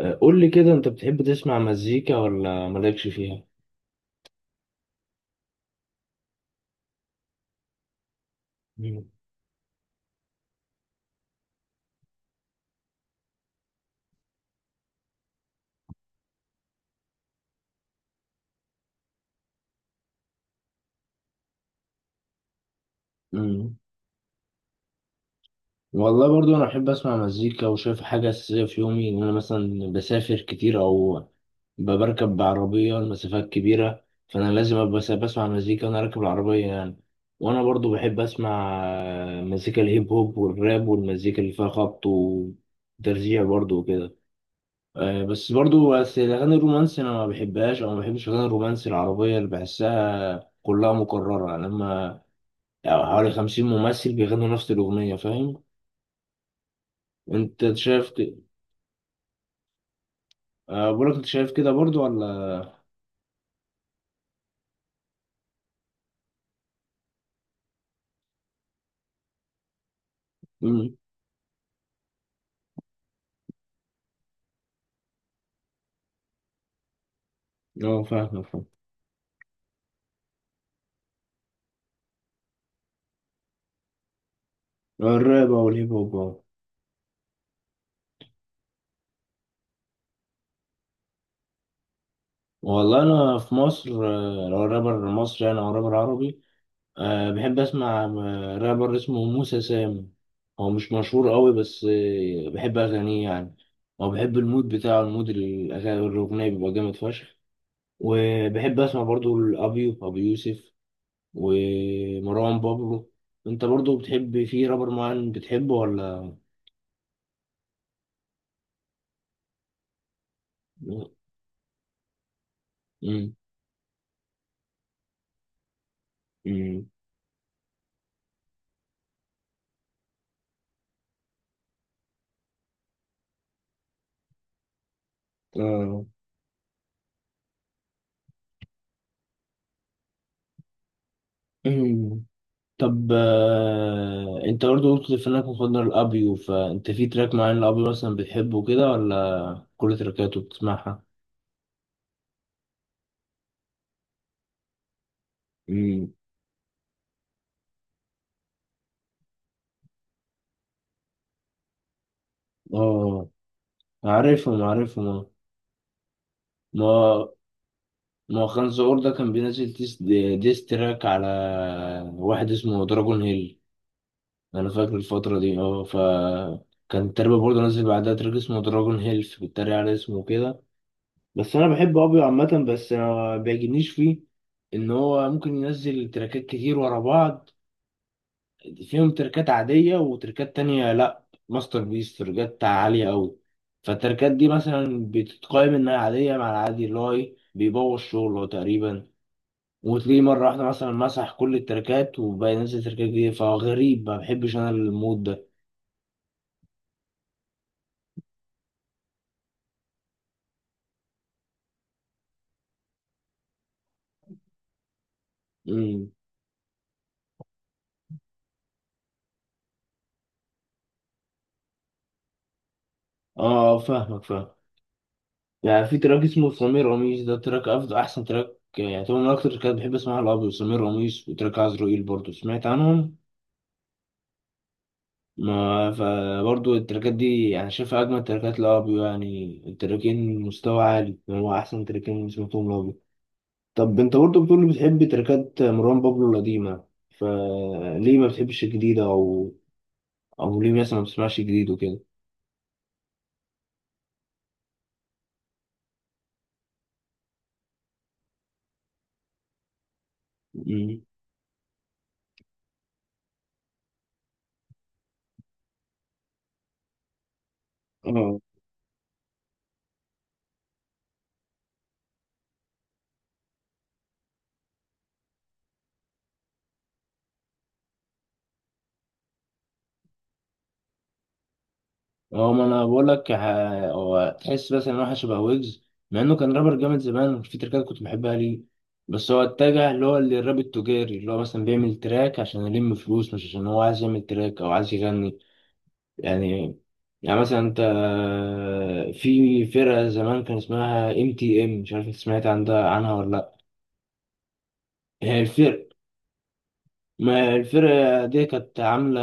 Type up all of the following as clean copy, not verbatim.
قول لي كده، انت بتحب تسمع مزيكا ولا مالكش فيها؟ مم. مم. والله برضو انا بحب اسمع مزيكا، وشايف حاجه اساسيه في يومي ان انا مثلا بسافر كتير او بركب بعربيه المسافات كبيره، فانا لازم ابقى بسمع مزيكا وانا راكب العربيه يعني. وانا برضو بحب اسمع مزيكا الهيب هوب والراب والمزيكا اللي فيها خبط وترزيع برضو وكده. بس برضو بس الأغاني الرومانسي أنا ما بحبهاش أو ما بحبش الأغاني الرومانسي العربية اللي بحسها كلها مكررة، يعني لما يعني حوالي 50 ممثل بيغنوا نفس الأغنية، فاهم؟ أنت شايف كده؟ بقولك أنت شايف كده برضو ولا؟ مم. أه، فاهم فاهم. الراب أو الهيب هوب أهو. والله أنا في مصر، لو رابر مصري يعني أو رابر عربي، أه بحب أسمع رابر اسمه موسى سام. هو مش مشهور قوي، بس بحب أغانيه يعني. أو بحب المود بتاعه، المود الأغاني الأغنية بيبقى جامد فشخ. وبحب أسمع برضو الأبيو أبو يوسف ومروان بابلو. أنت برضو بتحب في رابر معين بتحبه ولا؟ مم. مم. آه. مم. طب أنت برضو قلت في إنك مفضل الأبيو، فأنت في تراك معين الأبيو مثلا بتحبه كده ولا كل تركاته بتسمعها؟ مم. اه، عارفهم عارفهم آه. ما ما خان زقور ده كان بينزل ديس تراك على واحد اسمه دراجون هيل. انا فاكر الفترة دي، اه كان تقريبا برضه نزل بعدها تراك اسمه دراجون هيل بيتريق على اسمه كده. بس انا بحب ابيو عامة، بس أنا ما بيعجبنيش فيه ان هو ممكن ينزل تراكات كتير ورا بعض، فيهم تركات عادية وتركات تانية لأ، ماستر بيس تركات عالية أوي. فالتركات دي مثلا بتتقايم إنها عادية، مع العادي اللي هو إيه بيبوظ شغله تقريبا. وتلاقيه مرة واحدة مثلا مسح كل التركات وبقى ينزل تركات جديدة، فغريب ما بحبش أنا المود ده. مم. آه آه، فاهمك فاهم. يعني في تراك اسمه سمير قميص، ده تراك أفضل أحسن تراك يعني، طبعا من أكتر التراكات بحب أسمعها الأبيض سمير قميص وتراك عزرائيل، برضه سمعت عنهم؟ ما فبرضه التراكات دي أنا شايفها أجمل تراكات لأبيو، يعني التراكين مستوى عالي يعني، هو أحسن تراكين سمعتهم لأبيو. طب أنت برضه بتقول بتحب تراكات مروان بابلو القديمة، فليه ما بتحبش الجديدة، أو أو ليه مثلا ما بتسمعش جديد وكده؟ مم. اه، هو ما انا بقول لك هو تحس بس ان هو شبه ويجز. مع انه كان رابر جامد زمان، في تريكات كنت بحبها ليه. بس هو اتجه اللي هو للراب التجاري، اللي هو مثلا بيعمل تراك عشان يلم فلوس، مش عشان هو عايز يعمل تراك او عايز يغني يعني. يعني مثلا انت، في فرقة زمان كان اسمها MTM، مش عارف انت سمعت عن ده عنها ولا لا. هي الفرق، ما الفرقة دي كانت عاملة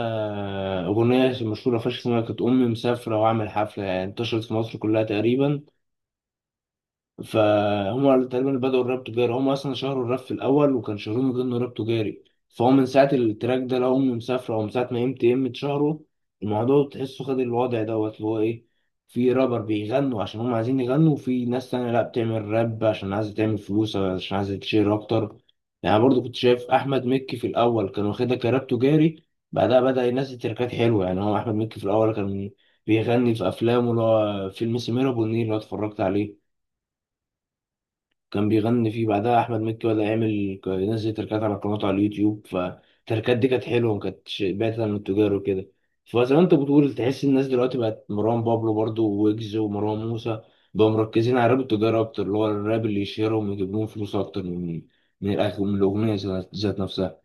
أغنية مشهورة فشخ اسمها كانت أمي مسافرة وأعمل حفلة، يعني انتشرت في مصر كلها تقريبا. فهم تقريبا بدأوا الراب تجاري، هم أصلا شهروا الراب في الأول وكان شهرهم من ضمن راب تجاري. فهو من ساعة التراك ده لو هم مسافرة، أو من ساعة ما MTM اتشهروا، الموضوع تحسه خد الوضع دوت اللي هو إيه، في رابر بيغنوا عشان هم عايزين يغنوا، وفي ناس تانية لأ بتعمل راب عشان عايزة تعمل فلوس أو عشان عايزة تشير أكتر. يعني برضو كنت شايف أحمد مكي في الأول كان واخدها كراب تجاري، بعدها بدأ ينزل تركات حلوة. يعني هو أحمد مكي في الأول كان بيغني في أفلامه، اللي هو فيلم سمير أبو النيل اللي أنا اتفرجت عليه كان بيغني فيه. بعدها احمد مكي ولا يعمل ينزل تركات على قناته على اليوتيوب، فالتركات دي كانت حلوه ما كانتش بعيده عن التجار وكده. فزي ما انت بتقول، تحس الناس دلوقتي بقت مروان بابلو برضو ويجز ومروان موسى بقوا مركزين على الراب التجاري اكتر، اللي هو الراب اللي يشهرهم ويجيب لهم فلوس اكتر من الاغنيه ذات نفسها.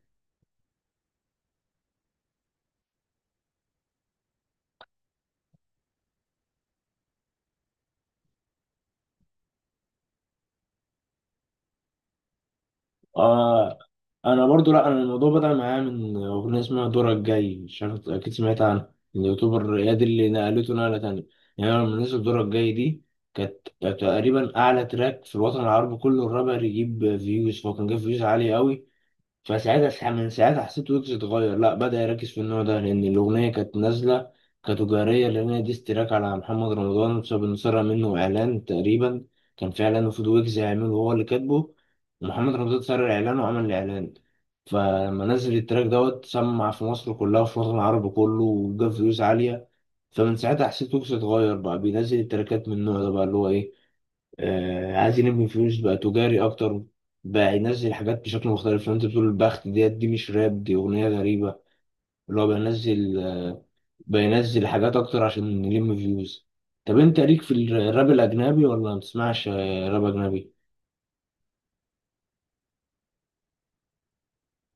آه، انا برضو، لا انا الموضوع بدأ معايا من اغنيه اسمها دورك الجاي، مش عارف اكيد سمعت عنها، اليوتيوبر هي دي اللي نقلته نقله تانية. يعني أنا لما نزل دورك الجاي دي، كانت تقريبا اعلى تراك في الوطن العربي كله الرابر يجيب فيوز، فهو كان جايب فيوز عاليه قوي. فساعتها من ساعتها حسيت ويجز اتغير، لا بدأ يركز في النوع ده، لأن الأغنية كانت نازلة كتجارية، لأن هي ديستراك على محمد رمضان بسبب إنه سرق منه إعلان تقريبا. كان في إعلان المفروض ويجز يعمله هو اللي كاتبه، ومحمد رمضان سرق إعلانه وعمل الإعلان. فلما نزل التراك دوت سمع في مصر كلها وفي الوطن العربي كله وجاب فيوز عالية. فمن ساعتها حسيت ويجز اتغير، بقى بينزل التراكات من النوع ده، بقى اللي هو إيه عايز يلم فلوس، بقى تجاري اكتر، بقى ينزل حاجات بشكل مختلف. لو انت بتقول البخت ديت، دي مش راب، دي اغنيه غريبه اللي هو بينزل حاجات اكتر عشان يلم فيوز. طب انت ليك في الراب الاجنبي ولا ما بتسمعش راب اجنبي؟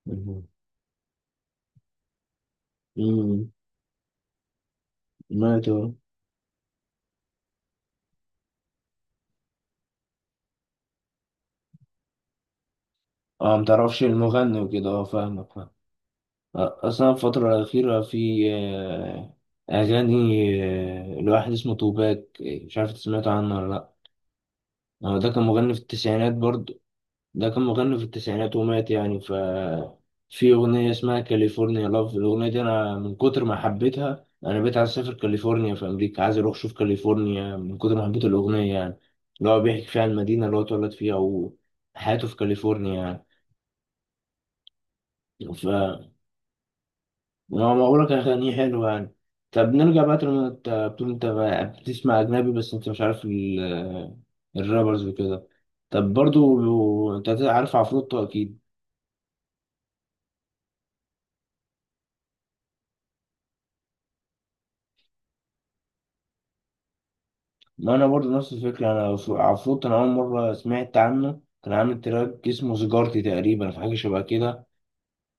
مهم. امم. ما تو- اه، ما تعرفش المغني وكده، اه فاهمك فاهم. اصلا الفتره الاخيره، في اغاني لواحد اسمه توباك، مش عارف إنت سمعت عنه ولا لا. هو ده كان مغني في التسعينات برضه، ده كان مغني في التسعينات ومات يعني، في أغنية اسمها كاليفورنيا لاف، الأغنية دي أنا من كتر ما حبيتها أنا بقيت عايز أسافر كاليفورنيا في أمريكا، عايز أروح أشوف كاليفورنيا من كتر ما حبيت الأغنية يعني، اللي هو بيحكي فيها المدينة اللي هو اتولد فيها وحياته في كاليفورنيا. يعني، أنا بقولك أغانيه حلوة يعني. طب نرجع بقى، لما أنت بتقول أنت بقى بتسمع أجنبي بس أنت مش عارف الرابرز وكده، طب برضو أنت عارف عفروتو أكيد. ما انا برضو نفس الفكره، انا عفروت انا اول مره سمعت عنه كان عامل تراك اسمه سيجارتي تقريبا، في حاجه شبه كده.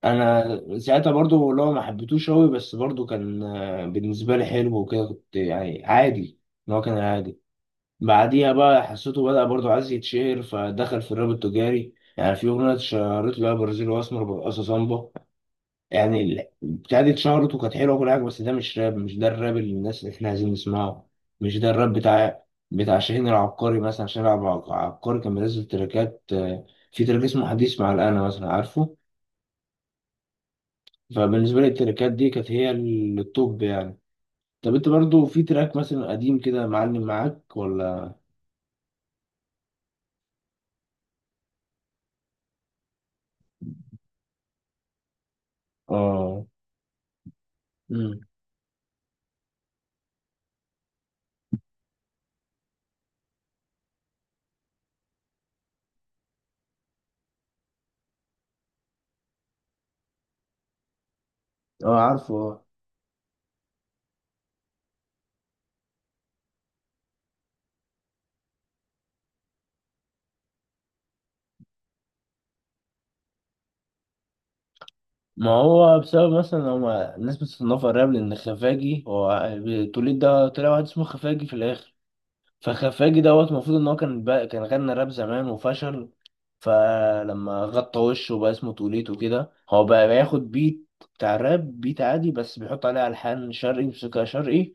انا ساعتها برضو لو ما حبيتوش قوي، بس برضو كان بالنسبه لي حلو وكده، كنت يعني عادي ان هو كان عادي. بعديها بقى حسيته بدأ برضو عايز يتشهر، فدخل في الراب التجاري، يعني في اغنيه اتشهرت له برازيل واسمر برقصه صامبا. يعني البتاع دي اتشهرت وكانت حلوه وكل حاجه، بس ده مش راب، مش ده الراب اللي الناس اللي احنا عايزين نسمعه. مش ده الراب بتاع شاهين العبقري. مثلا شاهين العبقري كان بينزل تراكات، في تراك اسمه حديث مع الأنا مثلا، عارفه؟ فبالنسبه لي التراكات دي كانت هي التوب يعني. طب انت برضو في تراك مثلا قديم كده معلم معاك ولا؟ اه. امم. اه، عارفه آه. ما هو بسبب مثلا هما الناس بتصنفها راب لان خفاجي، هو التوليد ده طلع واحد اسمه خفاجي في الاخر. فخفاجي دوت المفروض ان هو كان بقى كان غنى راب زمان وفشل. فلما غطى وشه بقى اسمه توليتو كده، هو بقى بياخد بيت بتاع راب، بيت عادي بس بيحط عليه ألحان شرقي موسيقى شرقي،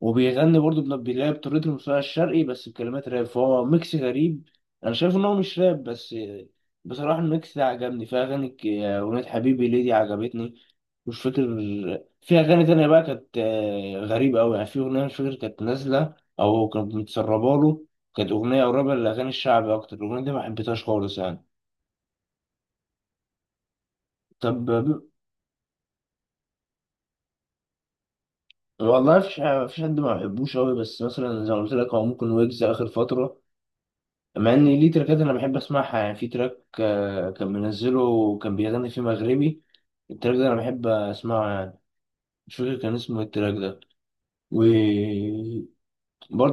وبيغني برضه بيلاقي بطريقة الموسيقى الشرقي بس بكلمات راب، فهو ميكس غريب. أنا شايف إن هو مش راب، بس بصراحة الميكس ده عجبني، فيها أغاني أغنية حبيبي ليدي عجبتني، مش فاكر. في أغاني تانية بقى كانت غريبة أوي، يعني في أغنية مش فاكر كانت نازلة أو كانت متسربة له، كانت أغنية قريبة للأغاني الشعبي أكتر، الأغنية دي ما حبيتهاش خالص يعني. طب، والله مفيش حد ما بحبوش أوي، بس مثلا زي ما قلت لك هو ممكن ويجز آخر فترة، مع إن ليه تراكات أنا بحب أسمعها، يعني في تراك كان منزله وكان بيغني فيه مغربي، التراك ده أنا بحب أسمعه يعني، مش فاكر كان اسمه إيه التراك ده. وبرضه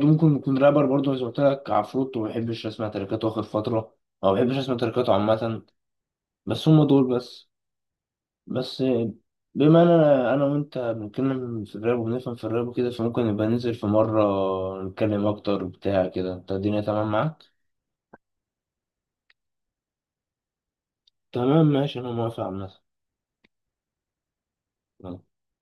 ممكن يكون رابر برضه زي ما قلت لك عفروتو، ما بحبش أسمع تراكاته آخر فترة، أو ما بحبش أسمع تراكاته عامة. بس هم دول بس. بس بما ان انا وانت بنتكلم في الراب وبنفهم في الراب وكده، فممكن نبقى ننزل في مرة نتكلم اكتر بتاع كده، انت الدنيا تمام معاك؟ تمام ماشي انا موافق. عامة.